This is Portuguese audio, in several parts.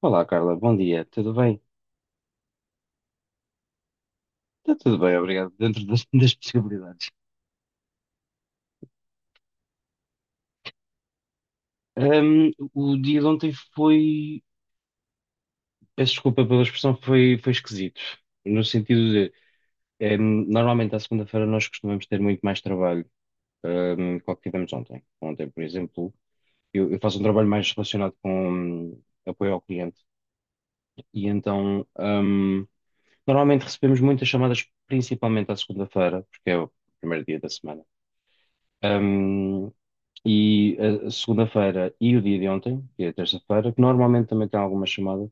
Olá, Carla, bom dia, tudo bem? Está tudo bem, obrigado, dentro das possibilidades. O dia de ontem foi, peço desculpa pela expressão, foi esquisito, no sentido de, normalmente à segunda-feira nós costumamos ter muito mais trabalho, que o que tivemos ontem. Ontem, por exemplo, eu faço um trabalho mais relacionado com apoio ao cliente, e então, normalmente recebemos muitas chamadas, principalmente à segunda-feira, porque é o primeiro dia da semana. Um, e a segunda-feira e o dia de ontem, que é a terça-feira, que normalmente também tem alguma chamada,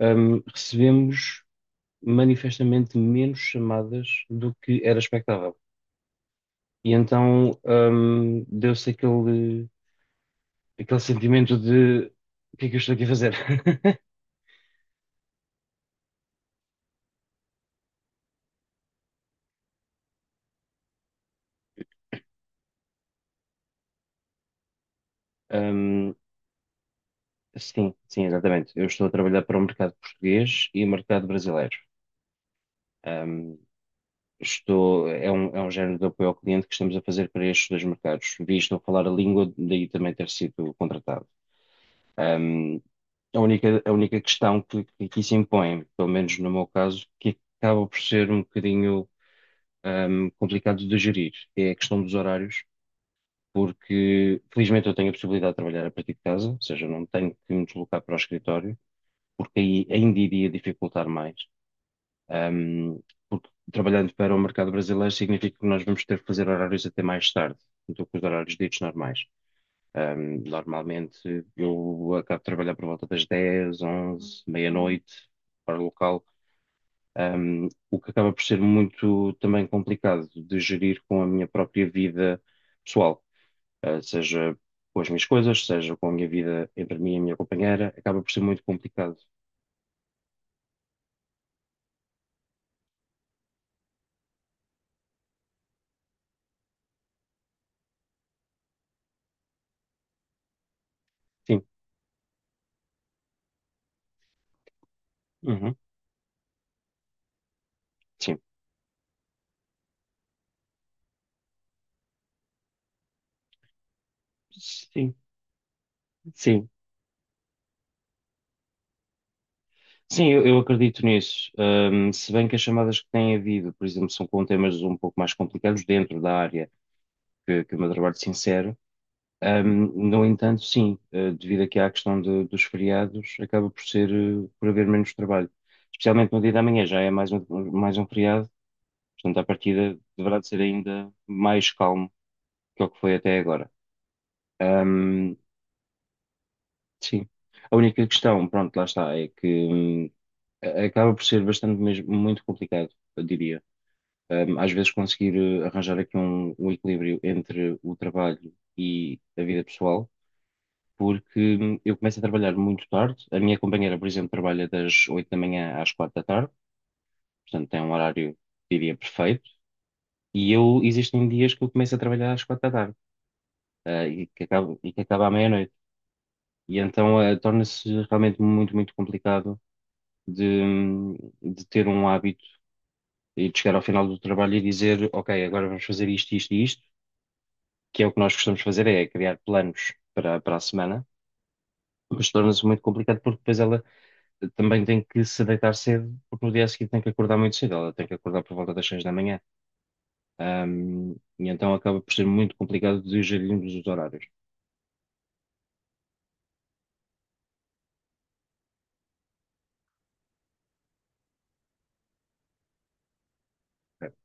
recebemos manifestamente menos chamadas do que era expectável. E então, deu-se aquele sentimento de o que é que eu estou aqui a fazer? Um, sim, sim, exatamente. Eu estou a trabalhar para o mercado português e o mercado brasileiro. Estou, é um género de apoio ao cliente que estamos a fazer para estes dois mercados, visto eu falar a língua, daí também ter sido contratado. Um, a a única questão que aqui se impõe, pelo menos no meu caso, que acaba por ser um bocadinho, complicado de gerir, é a questão dos horários, porque felizmente eu tenho a possibilidade de trabalhar a partir de casa, ou seja, não tenho que me deslocar para o escritório, porque aí ainda iria dificultar mais. Um, Porque trabalhando para o mercado brasileiro significa que nós vamos ter que fazer horários até mais tarde do que os horários ditos normais. Normalmente eu acabo de trabalhar por volta das 10, 11, meia-noite, para o local, o que acaba por ser muito também complicado de gerir com a minha própria vida pessoal, seja com as minhas coisas, seja com a minha vida entre mim e a minha companheira, acaba por ser muito complicado. Sim, uhum. Sim, sim, sim. Sim, eu acredito nisso. Se bem que as chamadas que têm havido, por exemplo, são com temas um pouco mais complicados dentro da área que o meu trabalho se insere. No entanto, sim, devido aqui à questão de- dos feriados, acaba por ser, por haver menos trabalho. Especialmente no dia da manhã, já é mais um feriado, portanto, à partida deverá de ser ainda mais calmo que o que foi até agora. Ahm, sim. A única questão, pronto, lá está, é que acaba por ser bastante mesmo, muito complicado, eu diria. Às vezes conseguir arranjar aqui um equilíbrio entre o trabalho e a vida pessoal, porque eu começo a trabalhar muito tarde. A minha companheira, por exemplo, trabalha das 8 da manhã às 4 da tarde, portanto tem um horário, diria, perfeito. E eu, existem dias que eu começo a trabalhar às 4 da tarde, e que acaba à meia-noite. E então torna-se realmente muito, muito complicado. De, hum, de ter um hábito e de chegar ao final do trabalho e dizer, ok, agora vamos fazer isto, isto e isto, que é o que nós costumamos fazer, é criar planos para a semana, mas torna-se muito complicado porque depois ela também tem que se deitar cedo, porque no dia seguinte tem que acordar muito cedo, ela tem que acordar por volta das 6 da manhã. Ahm, e então acaba por ser muito complicado de gerirmos os horários. Certo,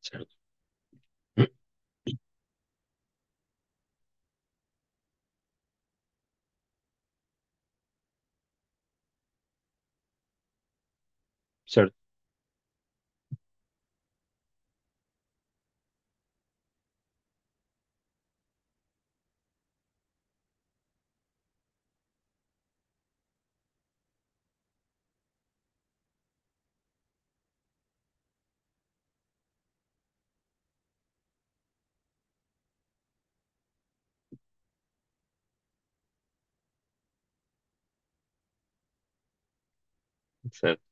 certo, certo, certo.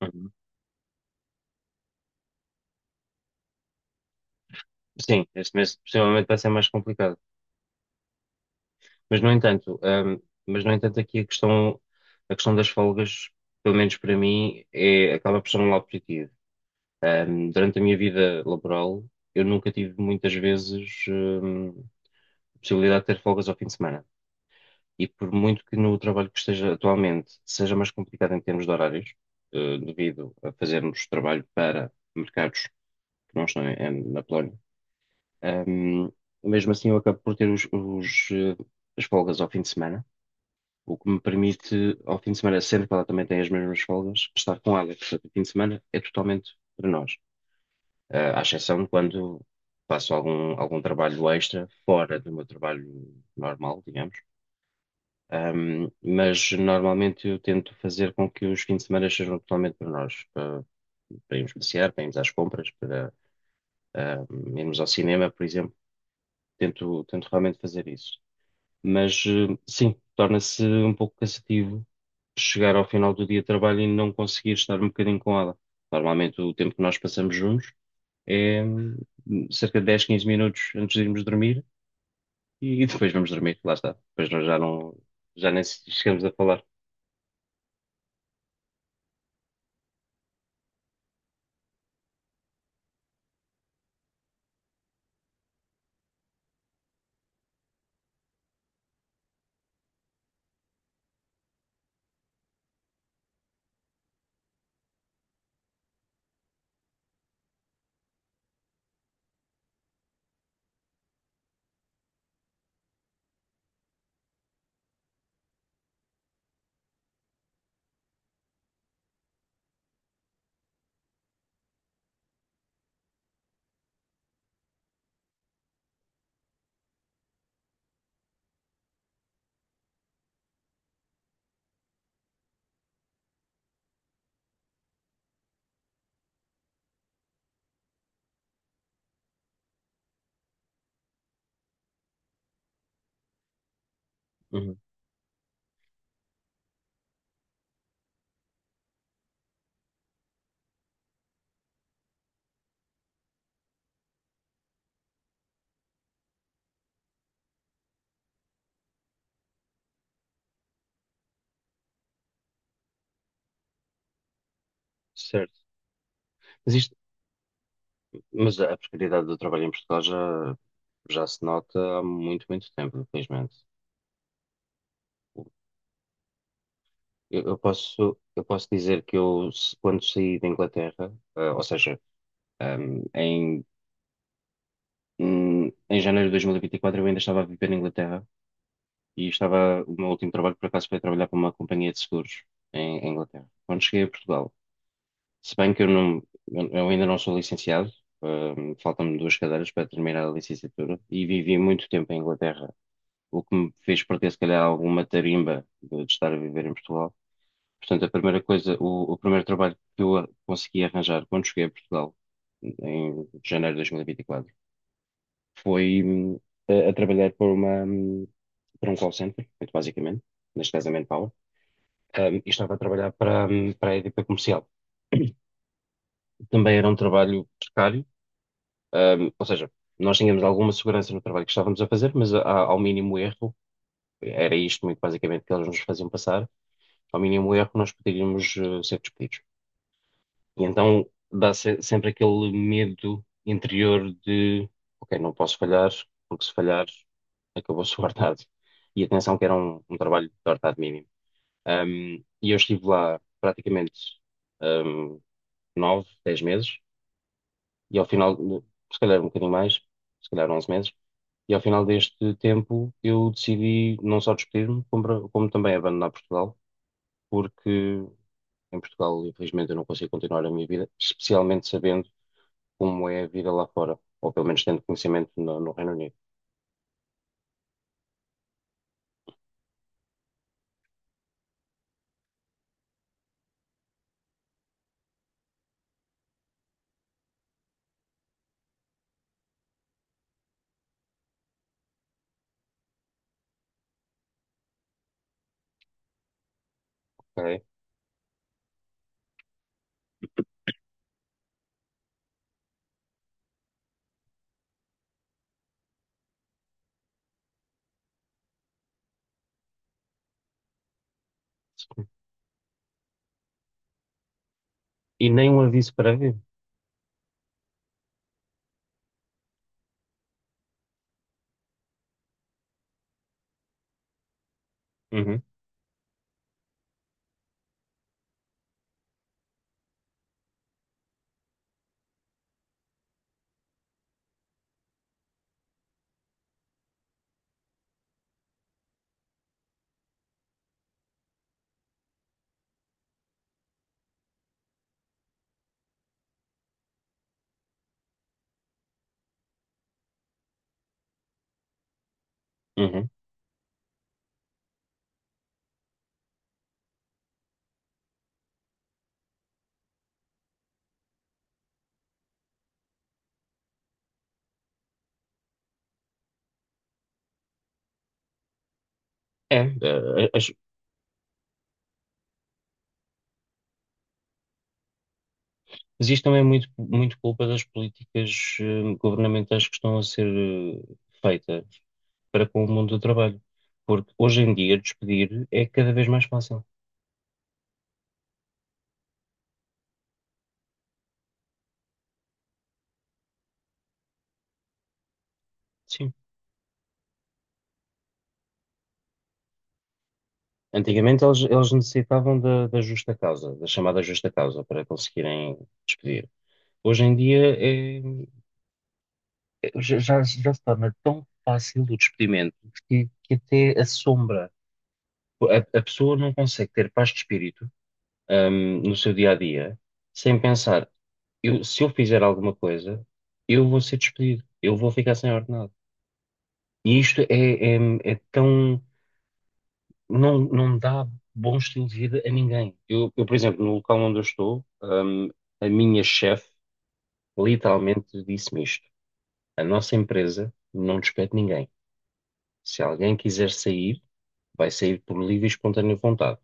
Uhum. Sim, este mês possivelmente vai ser mais complicado. Mas no entanto, aqui a questão das folgas, pelo menos para mim, é, acaba por ser um lado positivo. Durante a minha vida laboral, eu nunca tive muitas vezes, possibilidade de ter folgas ao fim de semana. E por muito que no trabalho que esteja atualmente seja mais complicado em termos de horários, devido a fazermos trabalho para mercados que não estão na Polónia, ahm, mesmo assim eu acabo por ter as folgas ao fim de semana, o que me permite, ao fim de semana, sendo que ela também tem as mesmas folgas, estar com ela. Portanto, o fim de semana é totalmente para nós, à exceção quando faço algum trabalho extra fora do meu trabalho normal, digamos. Mas normalmente eu tento fazer com que os fins de semana sejam totalmente para nós, para irmos passear, para irmos às compras, para irmos ao cinema, por exemplo. Tento realmente fazer isso. Mas sim, torna-se um pouco cansativo chegar ao final do dia de trabalho e não conseguir estar um bocadinho com ela. Normalmente o tempo que nós passamos juntos é cerca de 10 15 minutos antes de irmos dormir e depois vamos dormir, lá está. Depois nós já nem se- chegamos a falar. Uhum, certo. Mas isto, mas a precariedade do trabalho em Portugal já se nota há muito, muito tempo, infelizmente. Eu posso dizer que eu, se- quando saí da Inglaterra, ou seja, hum, em, em janeiro de dois mil e vinte e quatro eu ainda estava a viver na Inglaterra e estava, o meu último trabalho por acaso foi trabalhar para uma companhia de seguros em Inglaterra. Quando cheguei a Portugal, se bem que eu ainda não sou licenciado, faltam-me duas cadeiras para terminar a licenciatura e vivi muito tempo em Inglaterra, o que me fez perder se calhar alguma tarimba de estar a viver em Portugal. Portanto, a primeira coisa, o primeiro trabalho que eu a- consegui arranjar quando cheguei a Portugal, em janeiro de 2024, foi a trabalhar para para um call center, muito basicamente, neste caso a Manpower. E estava a trabalhar para a EDP Comercial. Também era um trabalho precário, ou seja, nós tínhamos alguma segurança no trabalho que estávamos a fazer, mas ao mínimo erro, era isto muito basicamente que eles nos faziam passar, ao mínimo erro nós poderíamos ser despedidos. E então dá se- sempre aquele medo interior de, ok, não posso falhar, porque se falhar, acabou-se o ordenado. E atenção que era um trabalho de ordenado mínimo. Um, e eu estive lá praticamente 9, 10 meses, e ao final, se calhar um bocadinho mais, se calhar 11 meses, e ao final deste tempo eu decidi não só despedir-me, como também abandonar Portugal, porque em Portugal, infelizmente, eu não consigo continuar a minha vida, especialmente sabendo como é a vida lá fora, ou pelo menos tendo conhecimento no Reino Unido. Ok? E nem um aviso prévio. Uhum, uhum. É, as, mas isto também é muito, muito culpa das políticas governamentais que estão a ser feitas para com o mundo do trabalho. Porque hoje em dia despedir é cada vez mais fácil. Sim. Antigamente eles necessitavam da justa causa, da chamada justa causa, para conseguirem despedir. Hoje em dia já se torna tão fácil o despedimento que até assombra. A pessoa não consegue ter paz de espírito no seu dia a dia, sem pensar, se eu fizer alguma coisa, eu vou ser despedido, eu vou ficar sem ordenado. E isto é, é tão. Não, não dá bom estilo de vida a ninguém. Eu, por exemplo, no local onde eu estou, a minha chefe literalmente disse-me isto: a nossa empresa não despede ninguém. Se alguém quiser sair, vai sair por livre e espontânea vontade.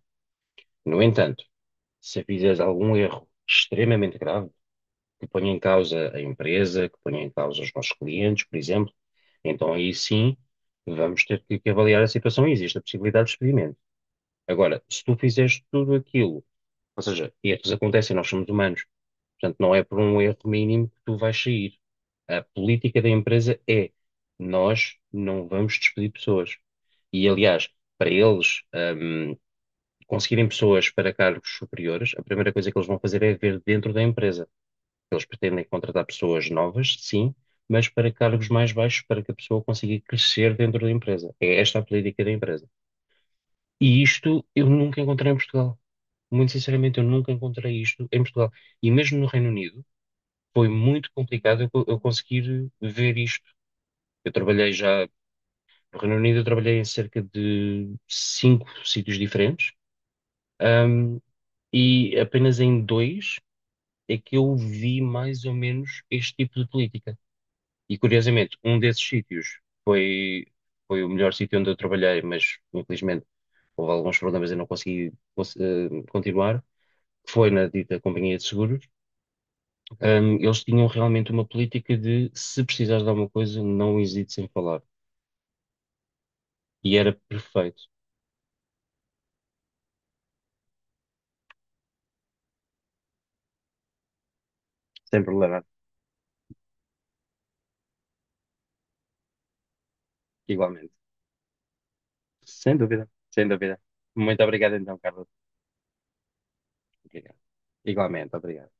No entanto, se fizeres algum erro extremamente grave, que ponha em causa a empresa, que ponha em causa os nossos clientes, por exemplo, então aí sim vamos ter que avaliar a situação e existe a possibilidade de experimento. Agora, se tu fizeste tudo aquilo, ou seja, erros acontecem, nós somos humanos, portanto não é por um erro mínimo que tu vais sair. A política da empresa é nós não vamos despedir pessoas. E aliás, para eles, hum, conseguirem pessoas para cargos superiores, a primeira coisa que eles vão fazer é ver dentro da empresa. Eles pretendem contratar pessoas novas, sim, mas para cargos mais baixos, para que a pessoa consiga crescer dentro da empresa. É esta a política da empresa. E isto eu nunca encontrei em Portugal. Muito sinceramente, eu nunca encontrei isto em Portugal. E mesmo no Reino Unido, foi muito complicado eu conseguir ver isto. Eu trabalhei já no Reino Unido, eu trabalhei em cerca de cinco sítios diferentes e apenas em dois é que eu vi mais ou menos este tipo de política. E curiosamente, um desses sítios foi, foi o melhor sítio onde eu trabalhei, mas infelizmente houve alguns problemas e eu não consegui cons- continuar. Foi na dita companhia de seguros. Eles tinham realmente uma política de se precisares de alguma coisa, não hesites em falar. E era perfeito. Sem problema, igualmente. Sem dúvida, sem dúvida. Muito obrigado então, Carlos. Obrigado. Igualmente, obrigado.